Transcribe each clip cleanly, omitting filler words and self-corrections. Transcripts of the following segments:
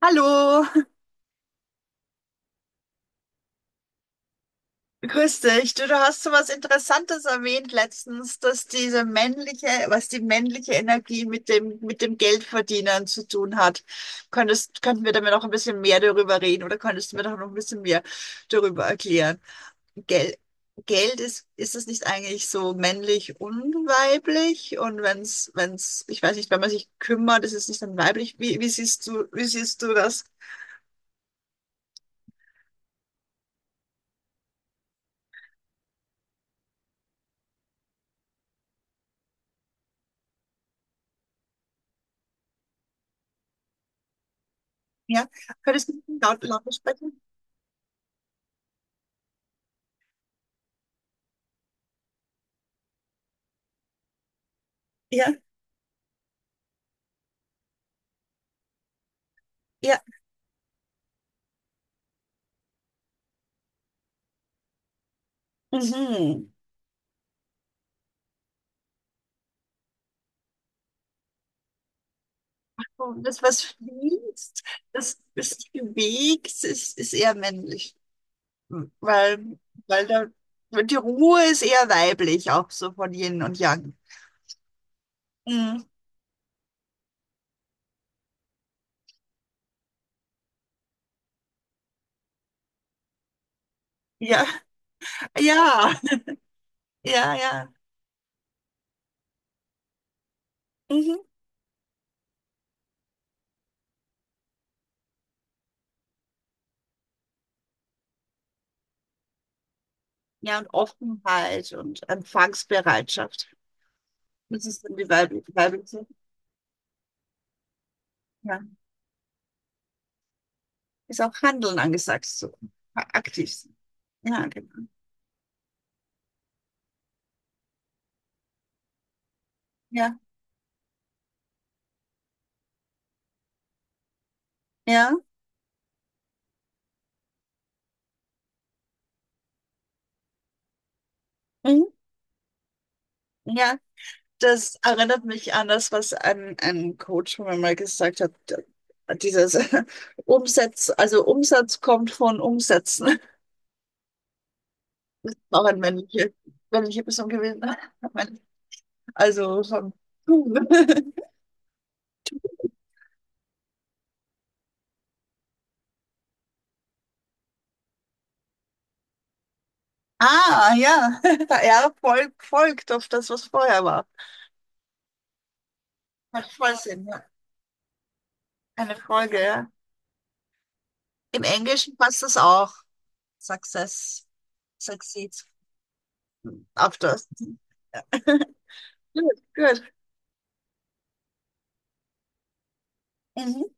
Hallo, grüß dich. Du hast so was Interessantes erwähnt letztens, dass diese männliche, was die männliche Energie mit dem Geldverdienen zu tun hat. Könnten wir da mir noch ein bisschen mehr darüber reden oder könntest du mir doch noch ein bisschen mehr darüber erklären? Geld, Geld ist es nicht eigentlich so männlich und weiblich? Und wenn's, ich weiß nicht, wenn man sich kümmert, ist es nicht dann weiblich? Wie siehst du, wie siehst du das? Ja, könntest du lauter sprechen? Ja. Ja. Mhm. Und das, was fließt, das sich bewegt, ist eher männlich. Weil, weil da, die Ruhe ist eher weiblich, auch so von Yin und Yang. Mhm. Ja, ja, ja, ja. Mhm. Ja, und Offenheit und Empfangsbereitschaft. Das ist dann die weibliche. Ja. Ist auch Handeln angesagt, so aktiv sein. Ja, genau. Ja, ja. Mhm. Ja, das erinnert mich an das, was ein Coach von mir mal gesagt hat. Dieses Umsatz, also Umsatz kommt von Umsätzen. Das war auch ein männliche Person gewesen. Also von tun. Ah, ja. Ja, Volk folgt auf das, was vorher war. Macht voll Sinn, ja. Eine Folge, ja. Im Englischen passt das auch. Success, succeeds after. Gut, gut. Mhm.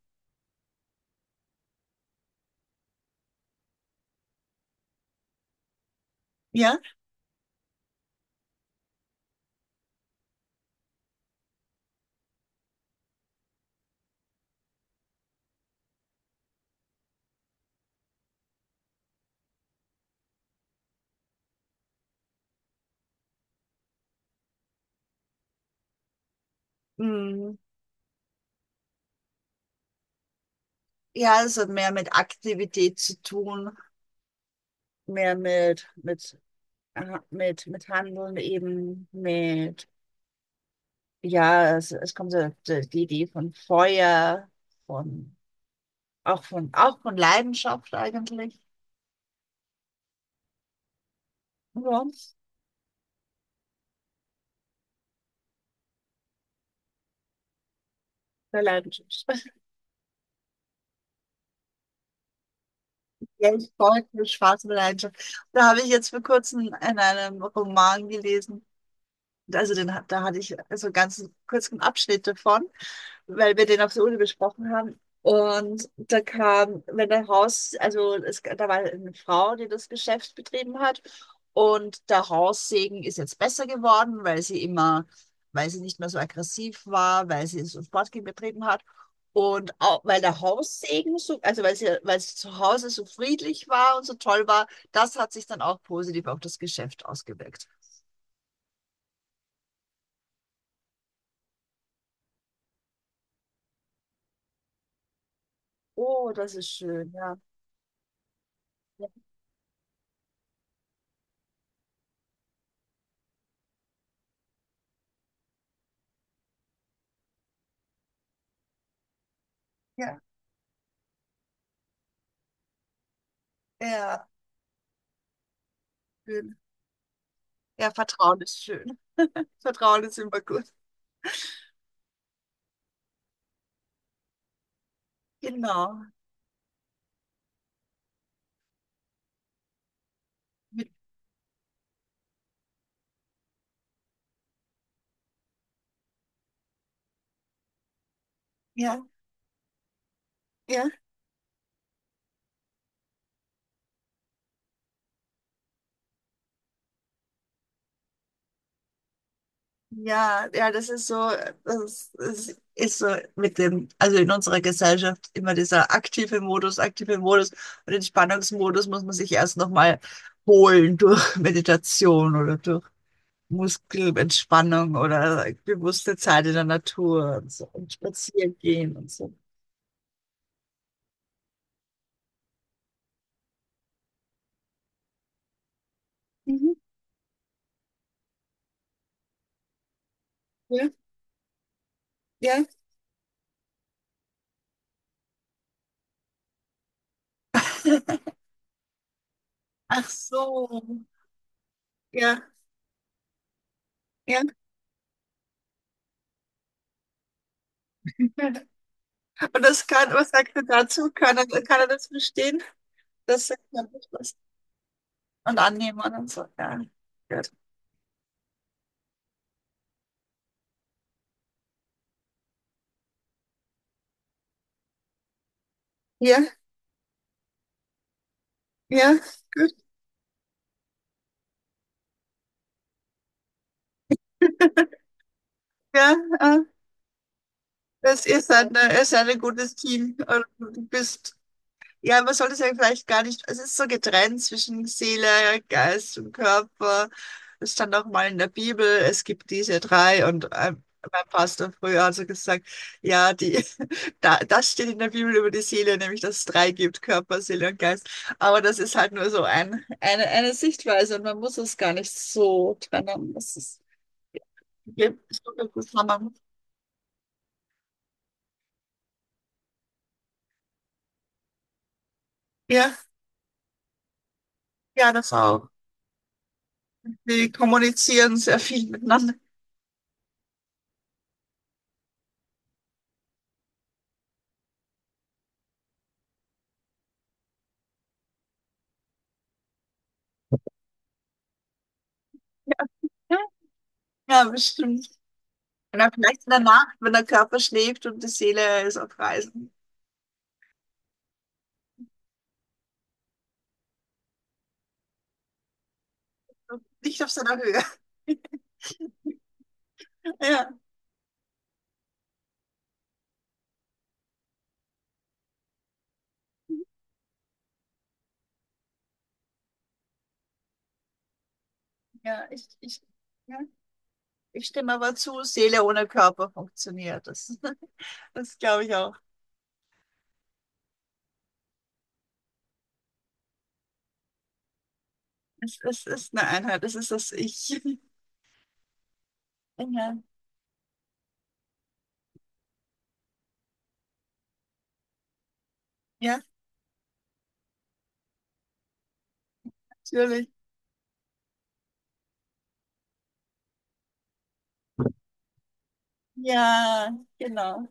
Ja. Mhm. Ja, es hat mehr mit Aktivität zu tun, mehr mit Handeln eben, mit, ja, es kommt so die die Idee von Feuer, von, auch von Leidenschaft eigentlich. Ja, der Leidenschaft. Ja, ich folge Spaß mit Leidenschaft. Da habe ich jetzt vor kurzem in einem Roman gelesen, also den, da hatte ich so einen ganz kurzen Abschnitt davon, weil wir den auf der Uni besprochen haben. Und da kam, wenn der Haus, also es, da war eine Frau, die das Geschäft betrieben hat. Und der Haussegen ist jetzt besser geworden, weil sie immer, weil sie nicht mehr so aggressiv war, weil sie so Sportgym betrieben hat. Und auch, weil der Haussegen so, also weil sie zu Hause so friedlich war und so toll war, das hat sich dann auch positiv auf das Geschäft ausgewirkt. Oh, das ist schön, ja. Ja, ja, schön. Ja, Vertrauen ist schön. Vertrauen ist immer gut. Genau. Mit- Ja, ja. Ja, ja, das ist so, das ist so mit dem, also in unserer Gesellschaft immer dieser aktive Modus, aktive Modus, und Entspannungsmodus muss man sich erst nochmal holen durch Meditation oder durch Muskelentspannung oder bewusste Zeit in der Natur und so und spazieren gehen und so. Mhm. Ja, ja. Ach so. Ja, ja. Und das kann, was sagt er dazu? Kann er das verstehen? Das sagt er nicht was. Und annehmen und so. Ja, gut. Ja, ja, gut. Ja, ah, das ist ein gutes Team. Und du bist ja, man sollte es ja vielleicht gar nicht, es ist so getrennt zwischen Seele, Geist und Körper. Es stand auch mal in der Bibel, es gibt diese drei und mein Pastor früher hat so gesagt, ja, die, da, das steht in der Bibel über die Seele, nämlich dass es drei gibt, Körper, Seele und Geist. Aber das ist halt nur so eine Sichtweise und man muss es gar nicht so trennen. Das ist, geht so viel zusammen. Ja, ja, das auch. Wir kommunizieren sehr viel miteinander. Ja, bestimmt. Und dann vielleicht in der Nacht, wenn der Körper schläft und die Seele ist auf Reisen. Und nicht auf seiner Höhe. Ja, ich, ja. Ich stimme aber zu, Seele ohne Körper funktioniert. Das, das glaube ich auch. Es ist eine Einheit, es ist das Ich. Ja, ja, natürlich. Ja, genau.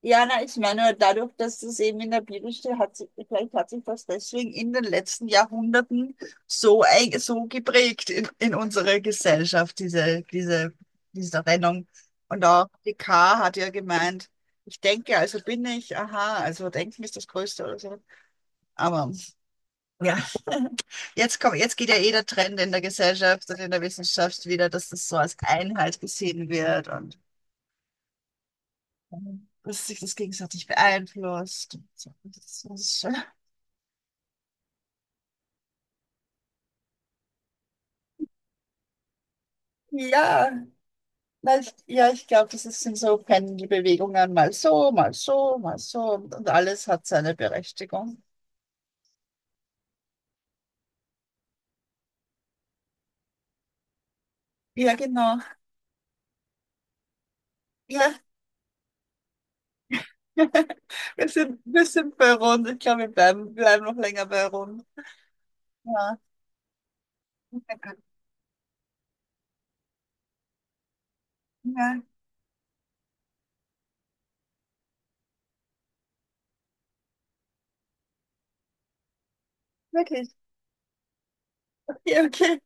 Ja, na, ich meine, dadurch, dass das eben in der Bibel steht, hat sich, vielleicht hat sich das deswegen in den letzten Jahrhunderten so, so geprägt in unserer Gesellschaft, diese Trennung. Und auch die K. hat ja gemeint, ich denke, also bin ich, aha, also Denken ist das Größte oder so. Aber ja, jetzt kommt, jetzt geht ja eh der Trend in der Gesellschaft und in der Wissenschaft wieder, dass das so als Einheit gesehen wird und dass sich das gegenseitig beeinflusst. So, das ist schon. Ja, na, ich glaube, das sind so Pendelbewegungen, mal so, mal so, mal so und alles hat seine Berechtigung. Ja, genau. Ja, wir sind bei Rund. Ich glaube, wir bleiben noch länger bei Rund. Ja, ja, wirklich. Ja, okay.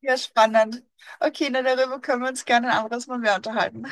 Ja, spannend. Okay, na, darüber können wir uns gerne ein anderes Mal mehr unterhalten.